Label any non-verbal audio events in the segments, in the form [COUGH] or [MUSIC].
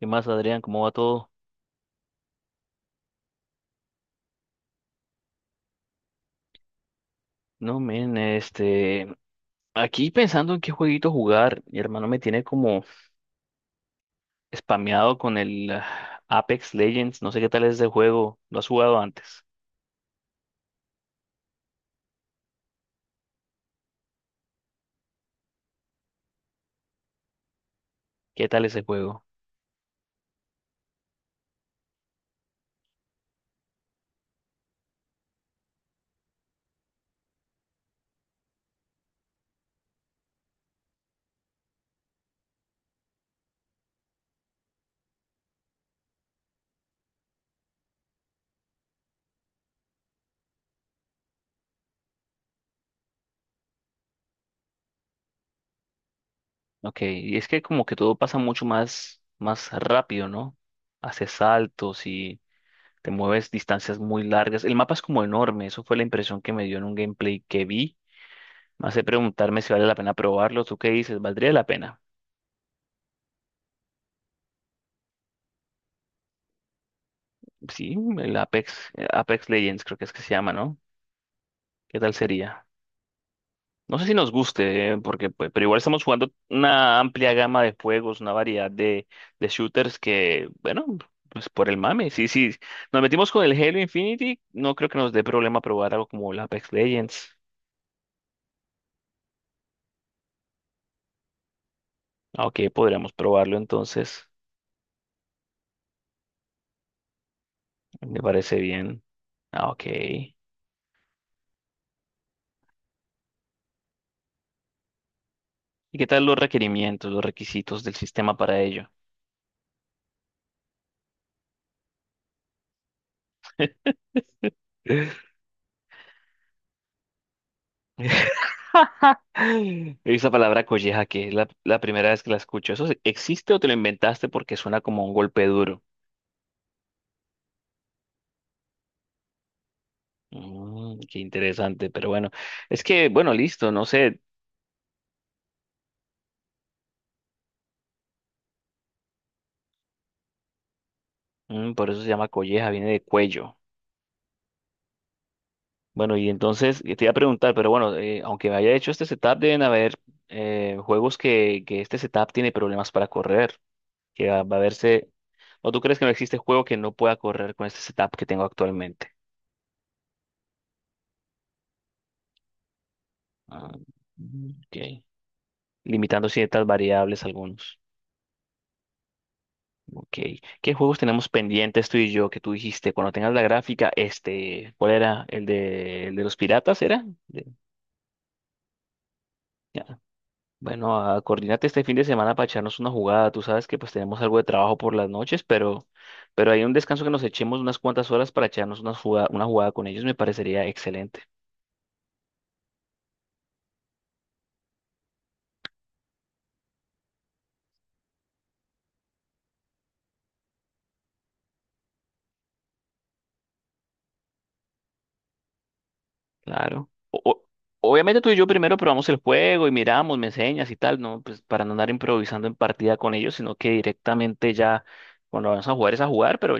¿Qué más, Adrián? ¿Cómo va todo? No, men, este, aquí pensando en qué jueguito jugar. Mi hermano me tiene como spameado con el Apex Legends. No sé qué tal es ese juego, ¿lo has jugado antes? ¿Qué tal ese juego? Ok, y es que como que todo pasa mucho más rápido, ¿no? Haces saltos y te mueves distancias muy largas, el mapa es como enorme. Eso fue la impresión que me dio en un gameplay que vi. Me hace preguntarme si vale la pena probarlo. ¿Tú qué dices? ¿Valdría la pena? Sí, el Apex, Apex Legends creo que es que se llama, ¿no? ¿Qué tal sería? No sé si nos guste, porque pues, pero igual estamos jugando una amplia gama de juegos, una variedad de shooters que, bueno, pues por el mame, sí, sí. Nos metimos con el Halo Infinity, no creo que nos dé problema probar algo como el Apex Legends. Ah, ok, podríamos probarlo entonces. Me parece bien. Ah, ok. ¿Y qué tal los requerimientos, los requisitos del sistema para ello? [LAUGHS] [GASPS] Esa palabra colleja, que es la, la primera vez que la escucho. ¿Eso se- existe o te lo inventaste porque suena como un golpe duro? Mm, qué interesante, pero bueno. Es que, bueno, listo, no sé. Mm, por eso se llama colleja, viene de cuello. Bueno, y entonces te iba a preguntar, pero bueno, aunque me haya hecho este setup, deben haber juegos que este setup tiene problemas para correr, que va, va a verse... ¿O tú crees que no existe juego que no pueda correr con este setup que tengo actualmente? Ah, ok. Limitando ciertas variables algunos. Ok. ¿Qué juegos tenemos pendientes tú y yo, que tú dijiste cuando tengas la gráfica? Este, ¿cuál era? El de los piratas era? De- ya. Bueno, a, coordínate este fin de semana para echarnos una jugada. Tú sabes que pues tenemos algo de trabajo por las noches, pero hay un descanso que nos echemos unas cuantas horas para echarnos una jugada con ellos, me parecería excelente. Claro. O- obviamente tú y yo primero probamos el juego y miramos, me enseñas y tal, ¿no? Pues para no andar improvisando en partida con ellos, sino que directamente ya cuando vamos a jugar es a jugar, pero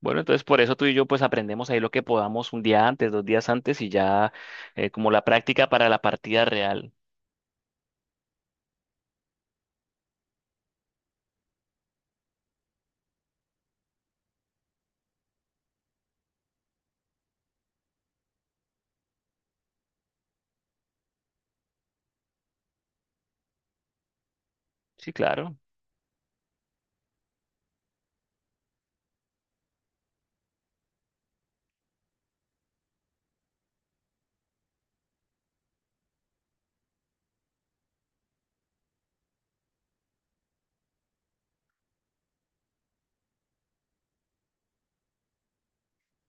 bueno, entonces por eso tú y yo pues aprendemos ahí lo que podamos un día antes, dos días antes y ya como la práctica para la partida real. Sí, claro.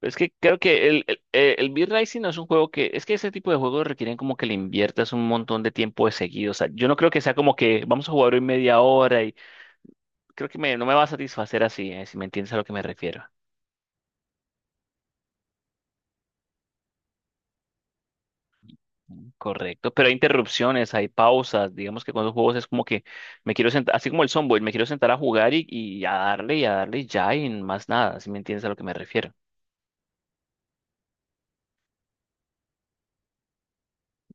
Es que creo que el Beat Racing no es un juego que, es que ese tipo de juegos requieren como que le inviertas un montón de tiempo de seguido. O sea, yo no creo que sea como que vamos a jugar hoy media hora y creo que me- no me va a satisfacer así, si me entiendes a lo que me refiero. Correcto, pero hay interrupciones, hay pausas. Digamos que con los juegos es como que me quiero sentar, así como el Somboy, me quiero sentar a jugar y a darle y a darle y ya y más nada, si me entiendes a lo que me refiero.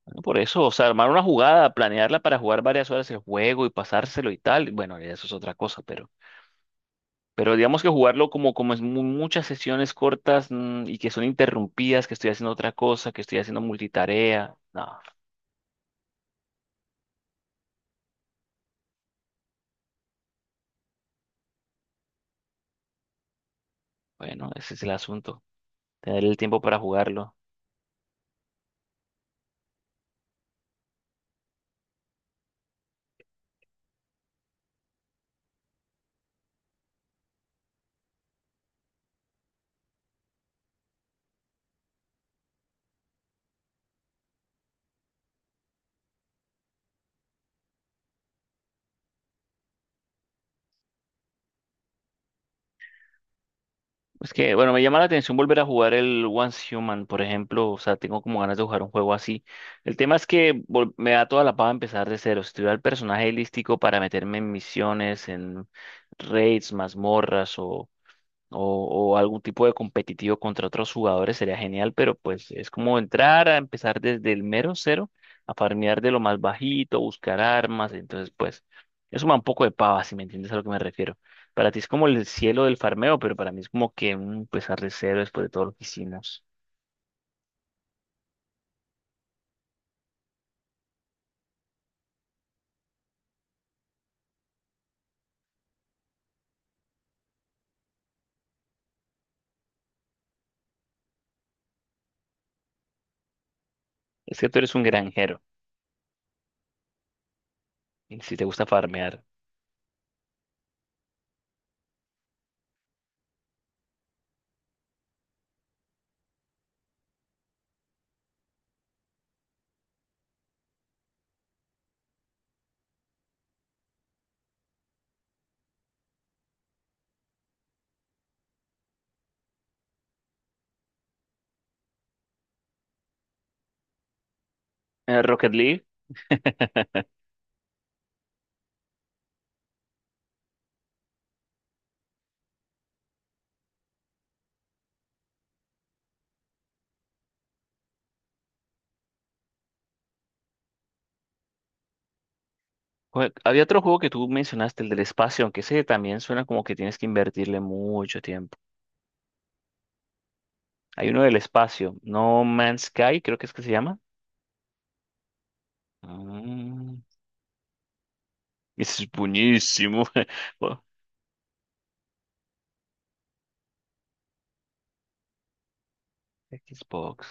Bueno, por eso, o sea, armar una jugada, planearla para jugar varias horas el juego y pasárselo y tal, bueno, ya eso es otra cosa, pero digamos que jugarlo como, como es mu- muchas sesiones cortas, y que son interrumpidas, que estoy haciendo otra cosa, que estoy haciendo multitarea, no, bueno, ese es el asunto, tener el tiempo para jugarlo. Es que, bueno, me llama la atención volver a jugar el Once Human, por ejemplo. O sea, tengo como ganas de jugar un juego así. El tema es que vol- me da toda la paja empezar de cero. Si tuviera el personaje lístico para meterme en misiones, en raids, mazmorras o algún tipo de competitivo contra otros jugadores, sería genial, pero pues es como entrar a empezar desde el mero cero, a farmear de lo más bajito, buscar armas, entonces pues eso me da un poco de pava, si me entiendes a lo que me refiero. Para ti es como el cielo del farmeo, pero para mí es como que, empezar de cero después de todo lo que hicimos. Es que tú eres un granjero, y si te gusta farmear. Rocket League. [LAUGHS] Jue- Había otro juego que tú mencionaste, el del espacio, aunque ese también suena como que tienes que invertirle mucho tiempo. Hay uno del espacio, No Man's Sky, creo que es que se llama. Ah, ese es buenísimo. [LAUGHS] Oh, Xbox.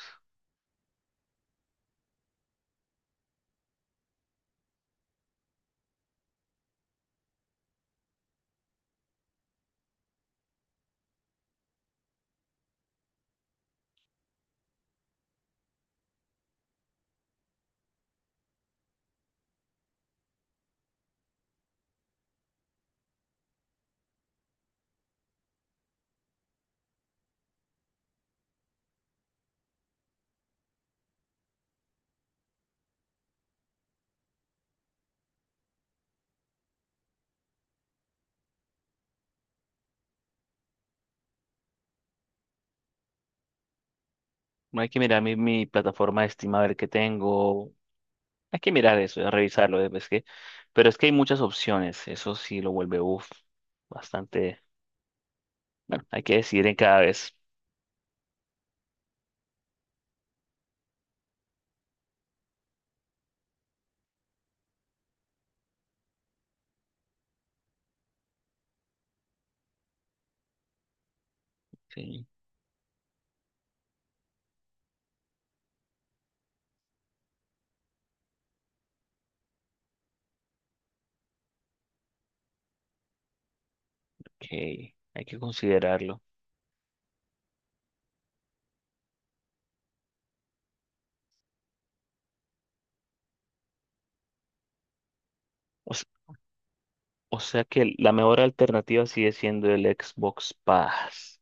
Bueno, hay que mirar mi, mi plataforma de Steam a ver qué tengo. Hay que mirar eso, a revisarlo. Es que, pero es que hay muchas opciones. Eso sí lo vuelve, uff, bastante. Bueno, hay que decidir en cada vez. Sí, ok, hay que considerarlo. O, s- o sea que la mejor alternativa sigue siendo el Xbox Pass.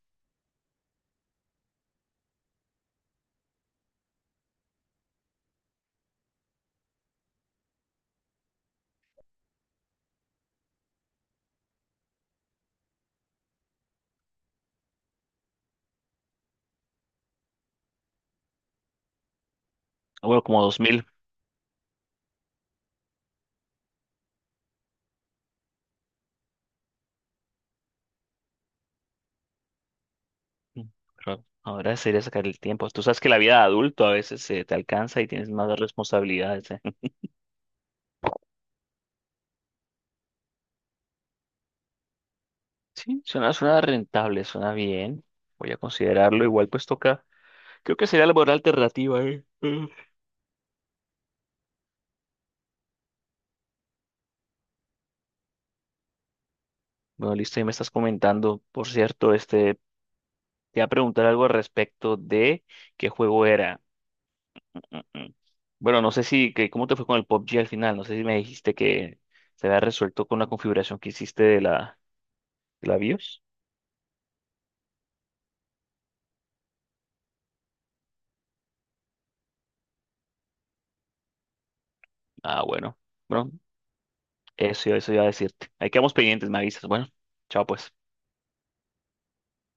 Ah, bueno, como $2,000. Mm, claro. Ahora sería sacar el tiempo. Tú sabes que la vida de adulto a veces se te alcanza y tienes más responsabilidades, ¿eh? [LAUGHS] Sí, suena, suena rentable, suena bien. Voy a considerarlo. Igual pues toca. Creo que sería la buena alternativa, ¿eh? Mm. Bueno, listo, y me estás comentando. Por cierto, este, te iba a preguntar algo al respecto de qué juego era. Mm, mm. Bueno, no sé si, que, ¿cómo te fue con el PUBG al final? No sé si me dijiste que se había resuelto con la configuración que hiciste de la BIOS. Ah, bueno. Bueno, eso iba a decirte. Ahí quedamos pendientes, me avisas. Bueno, chao pues.